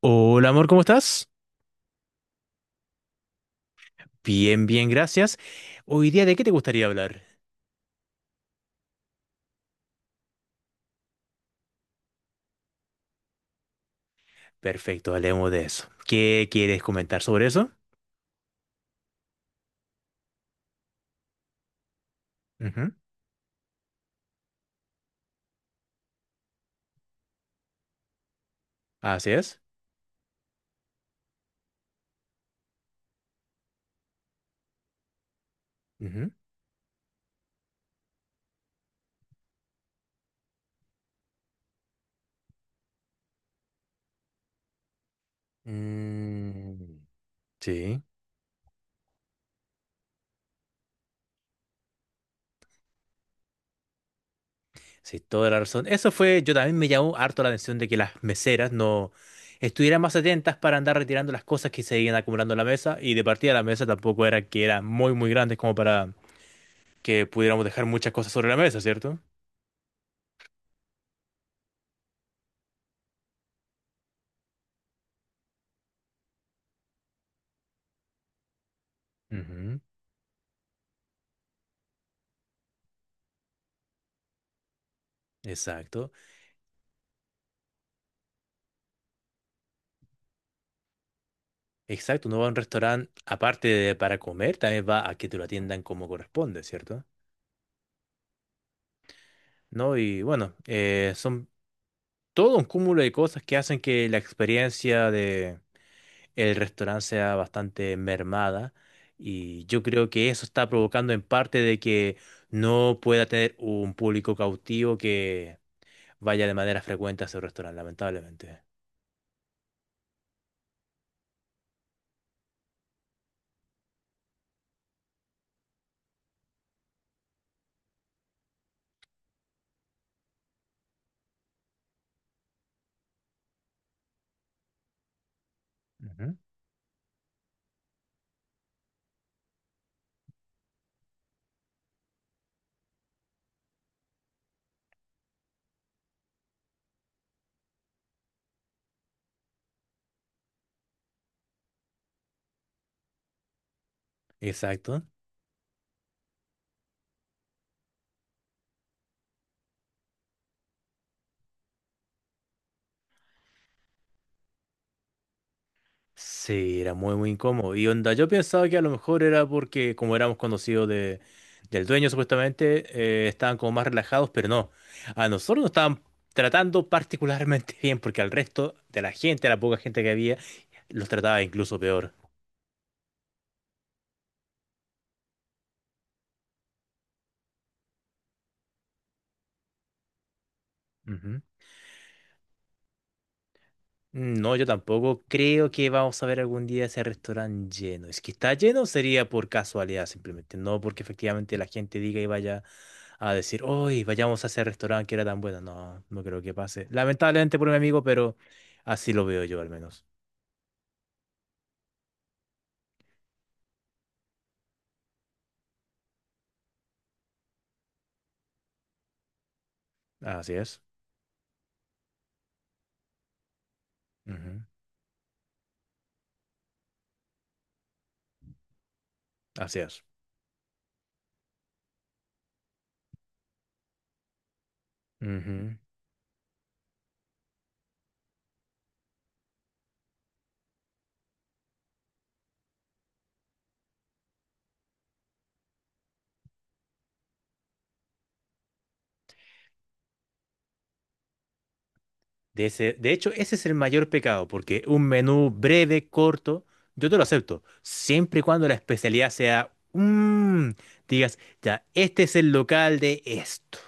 Hola amor, ¿cómo estás? Bien, bien, gracias. Hoy día, ¿de qué te gustaría hablar? Perfecto, hablemos de eso. ¿Qué quieres comentar sobre eso? Ujú. Así es. Ujú. Mm, sí, sí, toda la razón. Eso fue, yo también me llamó harto la atención de que las meseras no estuvieran más atentas para andar retirando las cosas que se iban acumulando en la mesa y de partida la mesa tampoco era que eran muy, muy grandes como para que pudiéramos dejar muchas cosas sobre la mesa, ¿cierto? Ujú. Exacto. Exacto, uno va a un restaurante aparte de para comer, también va a que te lo atiendan como corresponde, ¿cierto? ¿No? Y bueno, son todo un cúmulo de cosas que hacen que la experiencia de el restaurante sea bastante mermada y yo creo que eso está provocando en parte de que no pueda tener un público cautivo que vaya de manera frecuente a ese restaurante, lamentablemente. Ujú. Exacto. Sí, era muy, muy incómodo. Y onda, yo pensaba que a lo mejor era porque, como éramos conocidos del dueño, supuestamente, estaban como más relajados, pero no. A nosotros nos estaban tratando particularmente bien, porque al resto de la gente, la poca gente que había, los trataba incluso peor. No, yo tampoco creo que vamos a ver algún día ese restaurante lleno. Es que está lleno sería por casualidad simplemente, no porque efectivamente la gente diga y vaya a decir, hoy vayamos a ese restaurante que era tan bueno. No, no creo que pase. Lamentablemente por mi amigo, pero así lo veo yo al menos. Así es. Ujú. Así es. Ujú. De hecho, ese es el mayor pecado, porque un menú breve, corto, yo te lo acepto, siempre y cuando la especialidad sea, digas, ya, este es el local de esto,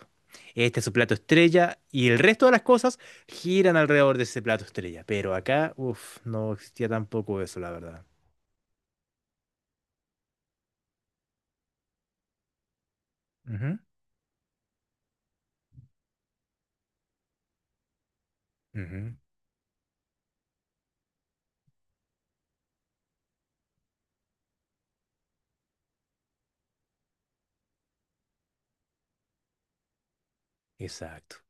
este es su plato estrella, y el resto de las cosas giran alrededor de ese plato estrella. Pero acá, uff, no existía tampoco eso, la verdad. Ujú, ujú. Exacto,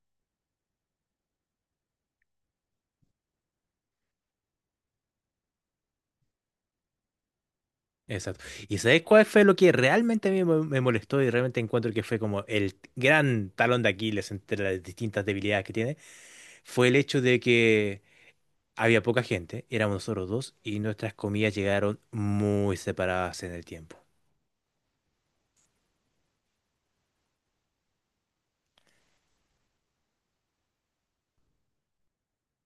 exacto. ¿Y sabes cuál fue lo que realmente a mí me molestó y realmente encuentro que fue como el gran talón de Aquiles entre las distintas debilidades que tiene? Fue el hecho de que había poca gente, éramos nosotros dos, y nuestras comidas llegaron muy separadas en el tiempo.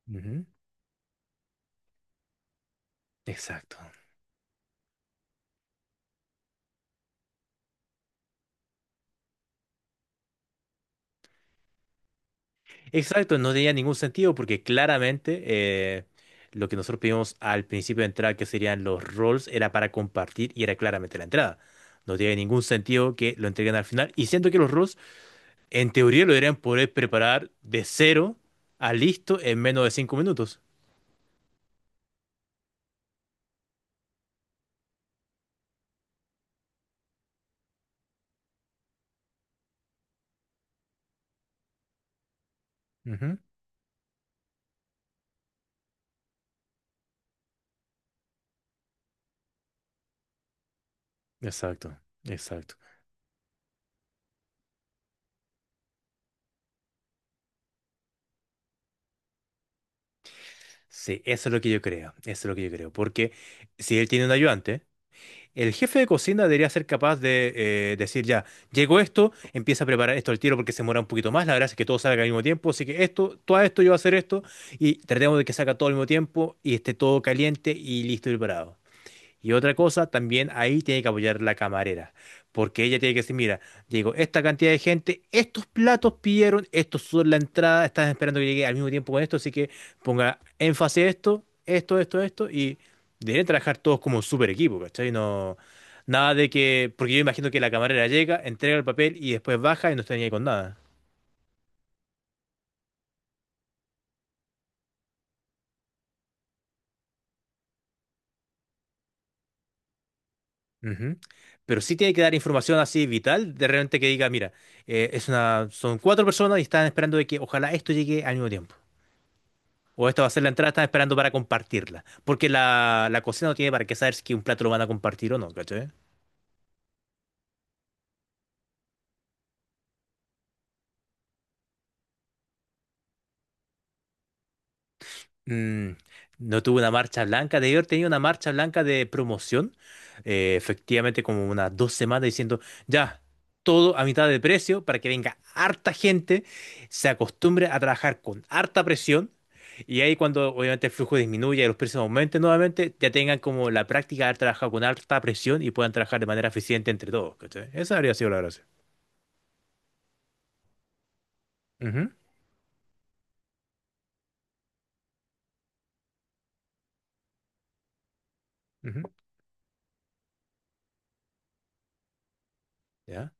Ujú. Exacto. Exacto, no tenía ningún sentido porque claramente lo que nosotros pedimos al principio de entrada, que serían los rolls, era para compartir y era claramente la entrada. No tiene ningún sentido que lo entreguen al final. Y siento que los rolls, en teoría, lo deberían poder preparar de cero a listo en menos de 5 minutos. Ujú. Exacto, exacto. Sí, eso es lo que yo creo, eso es lo que yo creo, porque si él tiene un ayudante, el jefe de cocina debería ser capaz de decir ya, llegó esto, empieza a preparar esto al tiro porque se demora un poquito más, la verdad es que todo salga al mismo tiempo, así que esto, todo esto yo voy a hacer esto y tratemos de que salga todo al mismo tiempo y esté todo caliente y listo y preparado. Y otra cosa, también ahí tiene que apoyar la camarera, porque ella tiene que decir, mira, llegó esta cantidad de gente, estos platos pidieron, estos son la entrada, están esperando que llegue al mismo tiempo con esto, así que ponga énfasis a esto, esto, esto, esto, y deben trabajar todos como un super equipo, ¿cachai? No, nada de que, porque yo imagino que la camarera llega, entrega el papel y después baja y no está ni ahí con nada. Ujú. Pero sí tiene que dar información así vital, de repente que diga, mira, son cuatro personas y están esperando de que ojalá esto llegue al mismo tiempo. O esta va a ser la entrada, están esperando para compartirla. Porque la cocina no tiene para qué saber si un plato lo van a compartir o no, ¿cachai? Mm, no tuve una marcha blanca. Debí haber tenido una marcha blanca de promoción. Efectivamente, como unas 2 semanas diciendo, ya, todo a mitad de precio para que venga harta gente, se acostumbre a trabajar con harta presión. Y ahí cuando obviamente el flujo disminuya y los precios aumenten nuevamente, ya tengan como la práctica de haber trabajado con alta presión y puedan trabajar de manera eficiente entre todos, ¿cachai? Esa habría sido la gracia. Ujú, ujú. ¿Ya?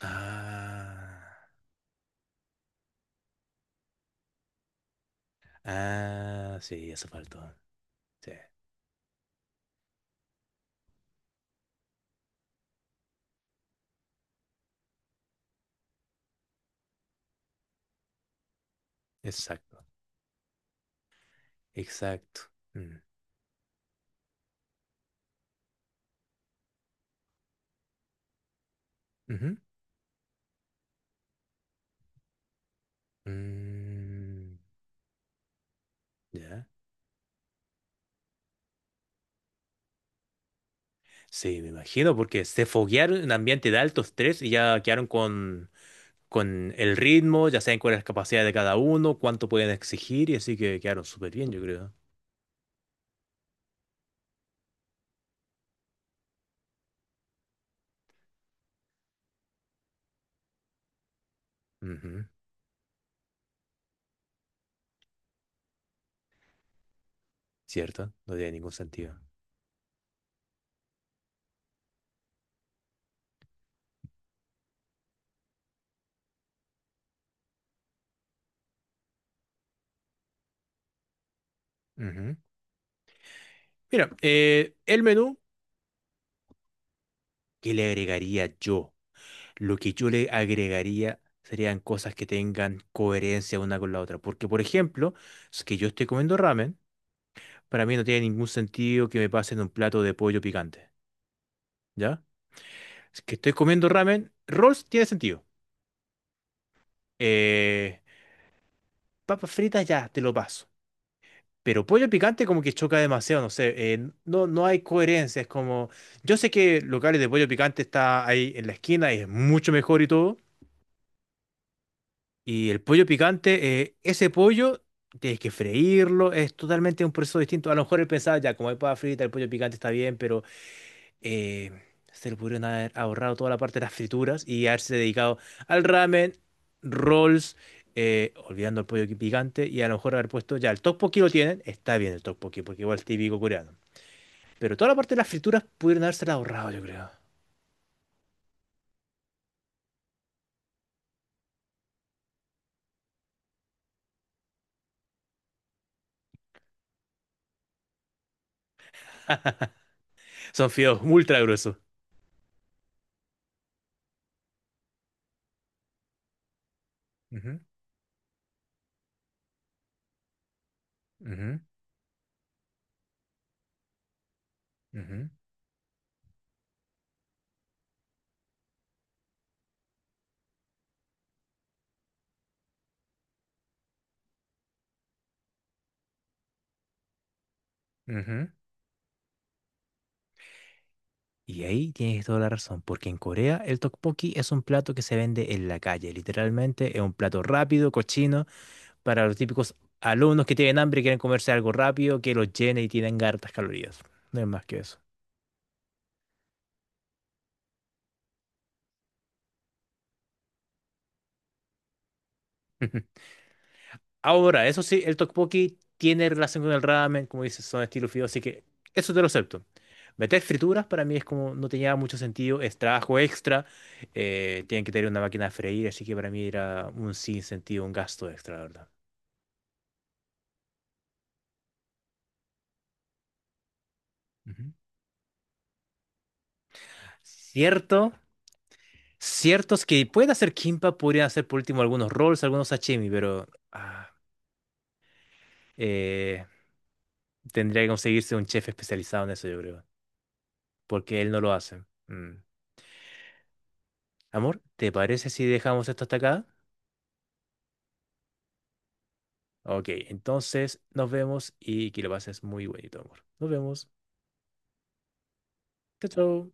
Ah, ah, sí, eso faltó. Sí, exacto, exacto. Mm, ujú, mm, ¿ya? Sí, me imagino, porque se foguearon en ambiente de alto estrés y ya quedaron con el ritmo, ya saben cuál es la capacidad de cada uno, cuánto pueden exigir, y así que quedaron súper bien, yo creo. Ujú. Cierto, no tiene ningún sentido. Ujú. Mira, el menú que le agregaría yo. Lo que yo le agregaría serían cosas que tengan coherencia una con la otra. Porque, por ejemplo, si es que yo estoy comiendo ramen, para mí no tiene ningún sentido que me pasen un plato de pollo picante, ¿ya? Si es que estoy comiendo ramen, rolls tiene sentido. Eh, Papas fritas ya, te lo paso. Pero pollo picante como que choca demasiado, no sé, no, no hay coherencia, es como... Yo sé que locales de pollo picante está ahí en la esquina y es mucho mejor y todo. Y el pollo picante, ese pollo tienes que freírlo, es totalmente un proceso distinto. A lo mejor él pensaba, ya, como hay papa frita, el pollo picante está bien, pero eh, se le pudieron haber ahorrado toda la parte de las frituras y haberse dedicado al ramen, rolls, olvidando el pollo picante, y a lo mejor haber puesto, ya, el tteokbokki lo tienen, está bien el tteokbokki, porque igual es típico coreano. Pero toda la parte de las frituras pudieron haberse ahorrado, yo creo. Son fideos ultra gruesos. Ujú, ujú, ujú, ujú. Y ahí tienes toda la razón, porque en Corea el tteokbokki es un plato que se vende en la calle, literalmente es un plato rápido, cochino, para los típicos alumnos que tienen hambre y quieren comerse algo rápido que los llene y tienen hartas calorías. No es más que eso. Ahora, eso sí, el tteokbokki tiene relación con el ramen, como dices, son estilos fideos, así que eso te lo acepto. Meter frituras para mí es como no tenía mucho sentido, es trabajo extra, tienen que tener una máquina a freír, así que para mí era un sinsentido, un gasto extra, la verdad. Cierto, ciertos que puede hacer Kimpa, podría hacer por último algunos rolls, algunos sashimi, pero eh, tendría que conseguirse un chef especializado en eso, yo creo, porque él no lo hace. Mm. Amor, ¿te parece si dejamos esto hasta acá? Ok, entonces nos vemos y que lo pases muy bonito, amor. Nos vemos. Chao, chao.